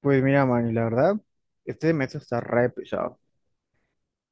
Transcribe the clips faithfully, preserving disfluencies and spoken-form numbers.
Pues mira, Manny, la verdad, este semestre está re pesado,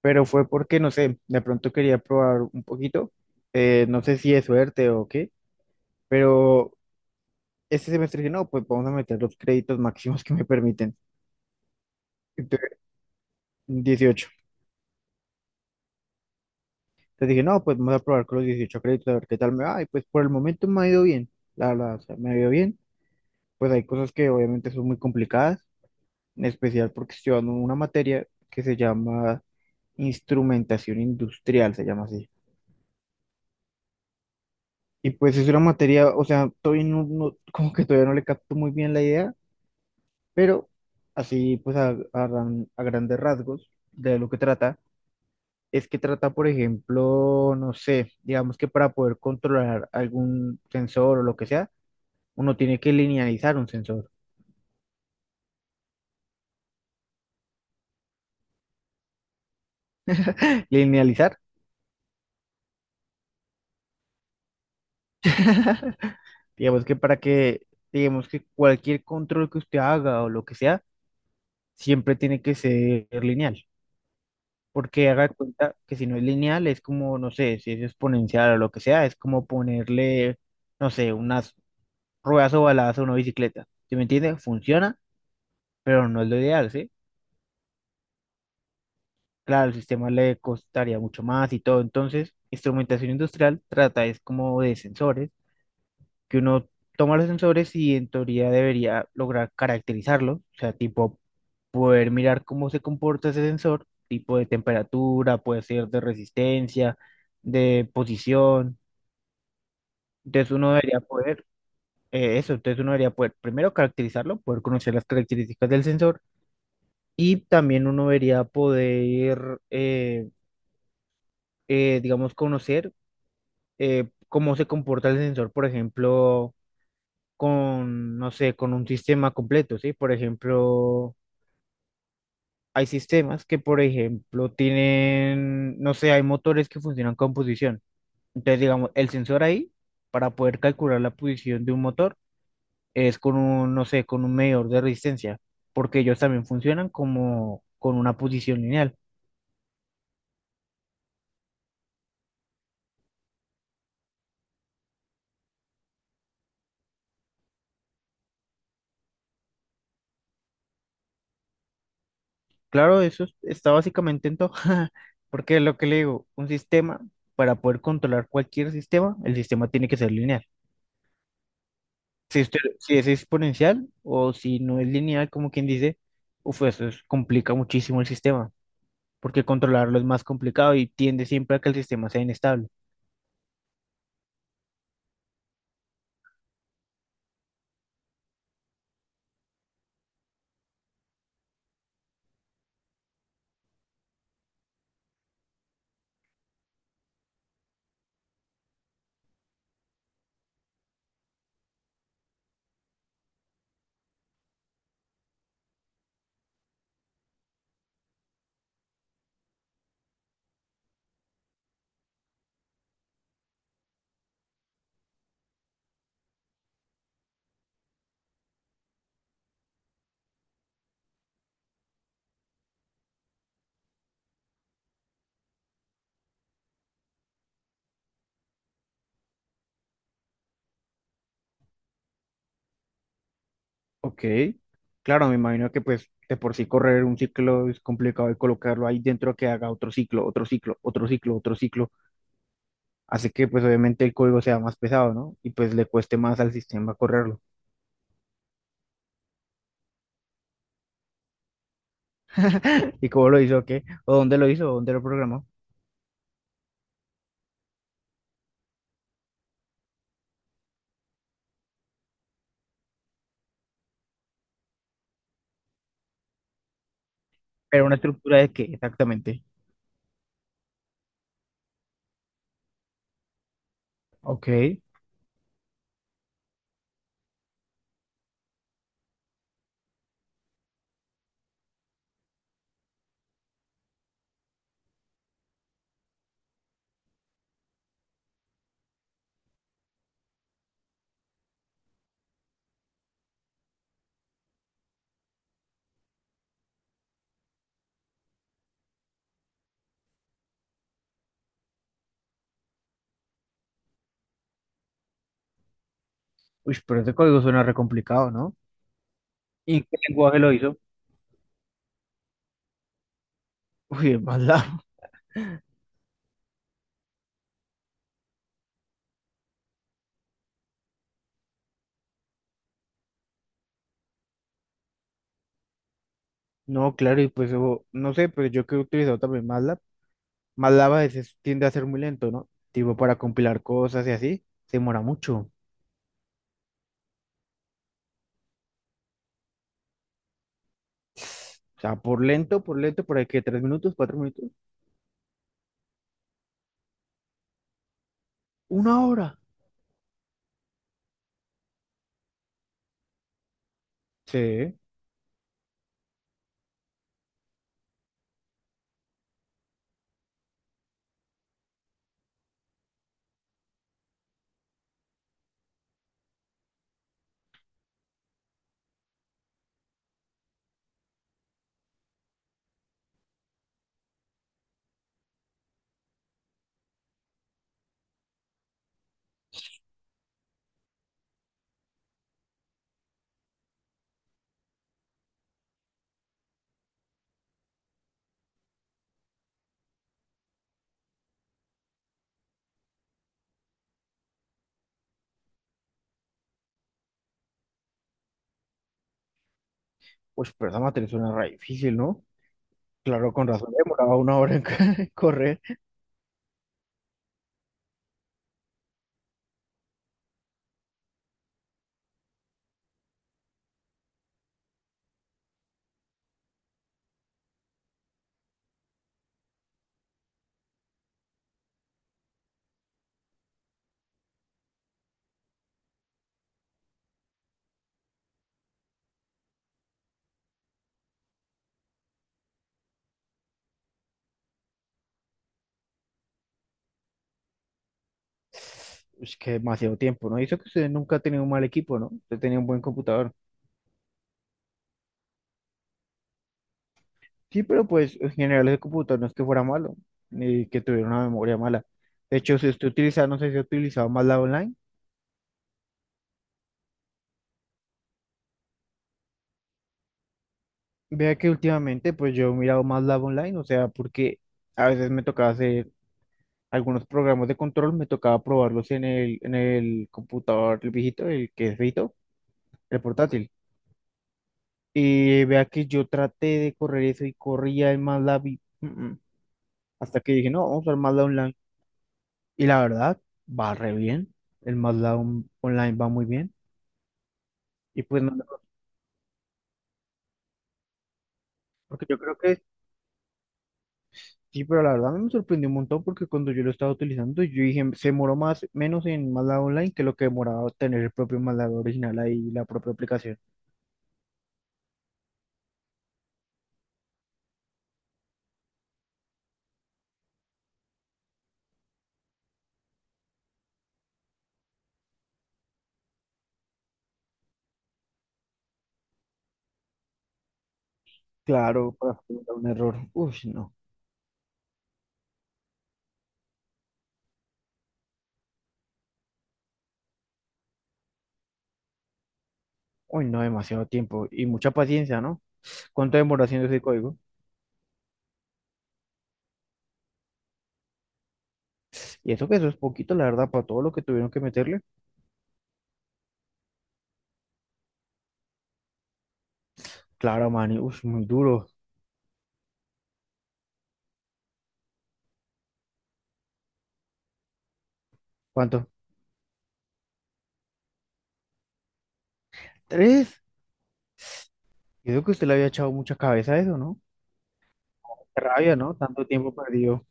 pero fue porque, no sé, de pronto quería probar un poquito, eh, no sé si es suerte o qué, pero este semestre dije, no, pues vamos a meter los créditos máximos que me permiten, entonces, dieciocho. Entonces dije, no, pues vamos a probar con los dieciocho créditos, a ver qué tal me va, y pues por el momento me ha ido bien, la verdad, o sea, me ha ido bien, pues hay cosas que obviamente son muy complicadas, en especial porque estoy dando una materia que se llama instrumentación industrial, se llama así. Y pues es una materia, o sea, todavía no, no- como que todavía no le capto muy bien la idea, pero así pues a, a gran- a grandes rasgos de lo que trata, es que trata, por ejemplo, no sé, digamos que para poder controlar algún sensor o lo que sea, uno tiene que linealizar un sensor. Linealizar, digamos que para que, digamos que cualquier control que usted haga o lo que sea, siempre tiene que ser lineal. Porque haga de cuenta que si no es lineal, es como, no sé, si es exponencial o lo que sea, es como ponerle, no sé, unas ruedas ovaladas a una bicicleta. ¿Sí me entiende? Funciona, pero no es lo ideal, ¿sí? Claro, el sistema le costaría mucho más y todo. Entonces, instrumentación industrial trata es como de sensores, que uno toma los sensores y en teoría debería lograr caracterizarlos, o sea, tipo poder mirar cómo se comporta ese sensor, tipo de temperatura, puede ser de resistencia, de posición. Entonces uno debería poder, eh, eso, entonces uno debería poder primero caracterizarlo, poder conocer las características del sensor y también uno debería poder, eh, eh, digamos, conocer eh, cómo se comporta el sensor, por ejemplo, con, no sé, con un sistema completo, ¿sí? Por ejemplo, hay sistemas que, por ejemplo, tienen, no sé, hay motores que funcionan con posición. Entonces, digamos, el sensor ahí, para poder calcular la posición de un motor, es con un, no sé, con un medidor de resistencia, porque ellos también funcionan como con una posición lineal. Claro, eso es- está básicamente en todo, porque es lo que le digo, un sistema, para poder controlar cualquier sistema, el sistema tiene que ser lineal. Si usted, si es exponencial o si no es lineal, como quien dice, uf, eso es- complica muchísimo el sistema, porque controlarlo es más complicado y tiende siempre a que el sistema sea inestable. Ok, claro, me imagino que pues de por sí correr un ciclo es complicado y colocarlo ahí dentro que haga otro ciclo, otro ciclo, otro ciclo, otro ciclo, hace que pues obviamente el código sea más pesado, ¿no? Y pues le cueste más al sistema correrlo. ¿Y cómo lo hizo? ¿Qué? ¿O dónde lo hizo? ¿O dónde lo programó? ¿Pero una estructura de qué exactamente? Ok, uy, pero ese código suena re complicado, ¿no? ¿Y en qué lenguaje lo hizo? Uy, en MATLAB. No, claro, y pues o- no sé, pero yo que he utilizado también MATLAB. Malava a veces tiende a ser muy lento, ¿no? Tipo, para compilar cosas y así, se demora mucho. O sea, por lento, por lento, por ahí que tres minutos, cuatro minutos, una hora. Sí, pues pero esa materia suena re difícil, ¿no? Claro, con razón, demoraba una hora en correr. Es que demasiado tiempo, ¿no? Y eso que usted nunca ha tenido un mal equipo, ¿no? Usted tenía un buen computador. Sí, pero pues en general el computador no es que fuera malo, ni que tuviera una memoria mala. De hecho, si usted utiliza, no sé si ha utilizado Malava Online. Vea que últimamente pues yo he mirado más Lab Online, o sea, porque a veces me tocaba hacer algunos programas de control, me tocaba probarlos en el, en el computador, el viejito, el que es viejito, el portátil. Y vea que yo traté de correr eso y corría el MATLAB y, mm, mm, hasta que dije, no, vamos a usar MATLAB Online. Y la verdad, va re bien, el MATLAB on- Online va muy bien. Y pues no, no, porque yo creo que sí, pero la verdad a mí me sorprendió un montón porque cuando yo lo estaba utilizando, yo dije, se demoró más, menos en MATLAB Online que lo que demoraba tener el propio MATLAB original ahí, la propia aplicación. Claro, para afrontar un error. Uy, no. Uy, no, demasiado tiempo y mucha paciencia, ¿no? ¿Cuánto demoró haciendo ese código? Y eso que eso es poquito, la verdad, para todo lo que tuvieron que meterle. Claro, man, uy, muy duro. ¿Cuánto? ¿Tres? Yo creo que usted le había echado mucha cabeza a eso, ¿no? Qué rabia, ¿no? Tanto tiempo perdido.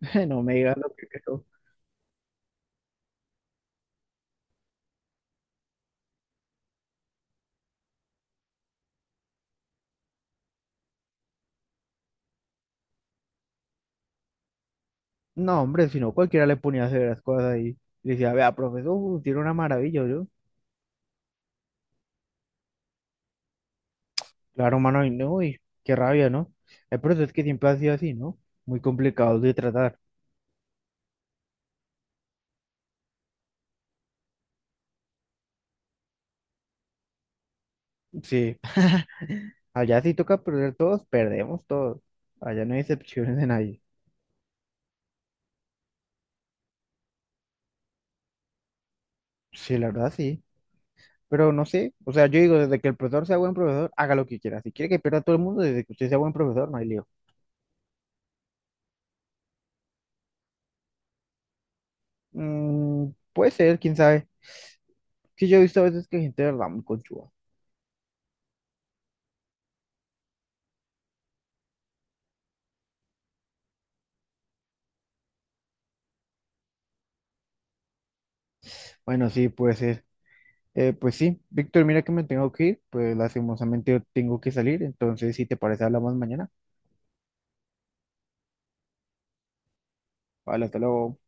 No me digas lo que creo. No, hombre, si no, cualquiera le ponía a hacer las cosas y le decía, vea, profesor, uh, tiene una maravilla, yo. Claro, mano, y no, y qué rabia, ¿no? El proceso es que siempre ha sido así, ¿no? Muy complicado de tratar. Sí, allá sí toca perder todos, perdemos todos. Allá no hay excepciones de nadie. Sí, la verdad sí. Pero no sé, o sea, yo digo, desde que el profesor sea buen profesor, haga lo que quiera. Si quiere que pierda a todo el mundo, desde que usted sea buen profesor, no hay lío. Mm, puede ser, quién sabe. Sí, yo he visto a veces que hay gente de verdad muy conchuda. Bueno, sí, pues ser. Eh, pues sí, Víctor, mira que me tengo que ir, pues lastimosamente yo tengo que salir, entonces si te parece hablamos mañana. Vale, hasta luego.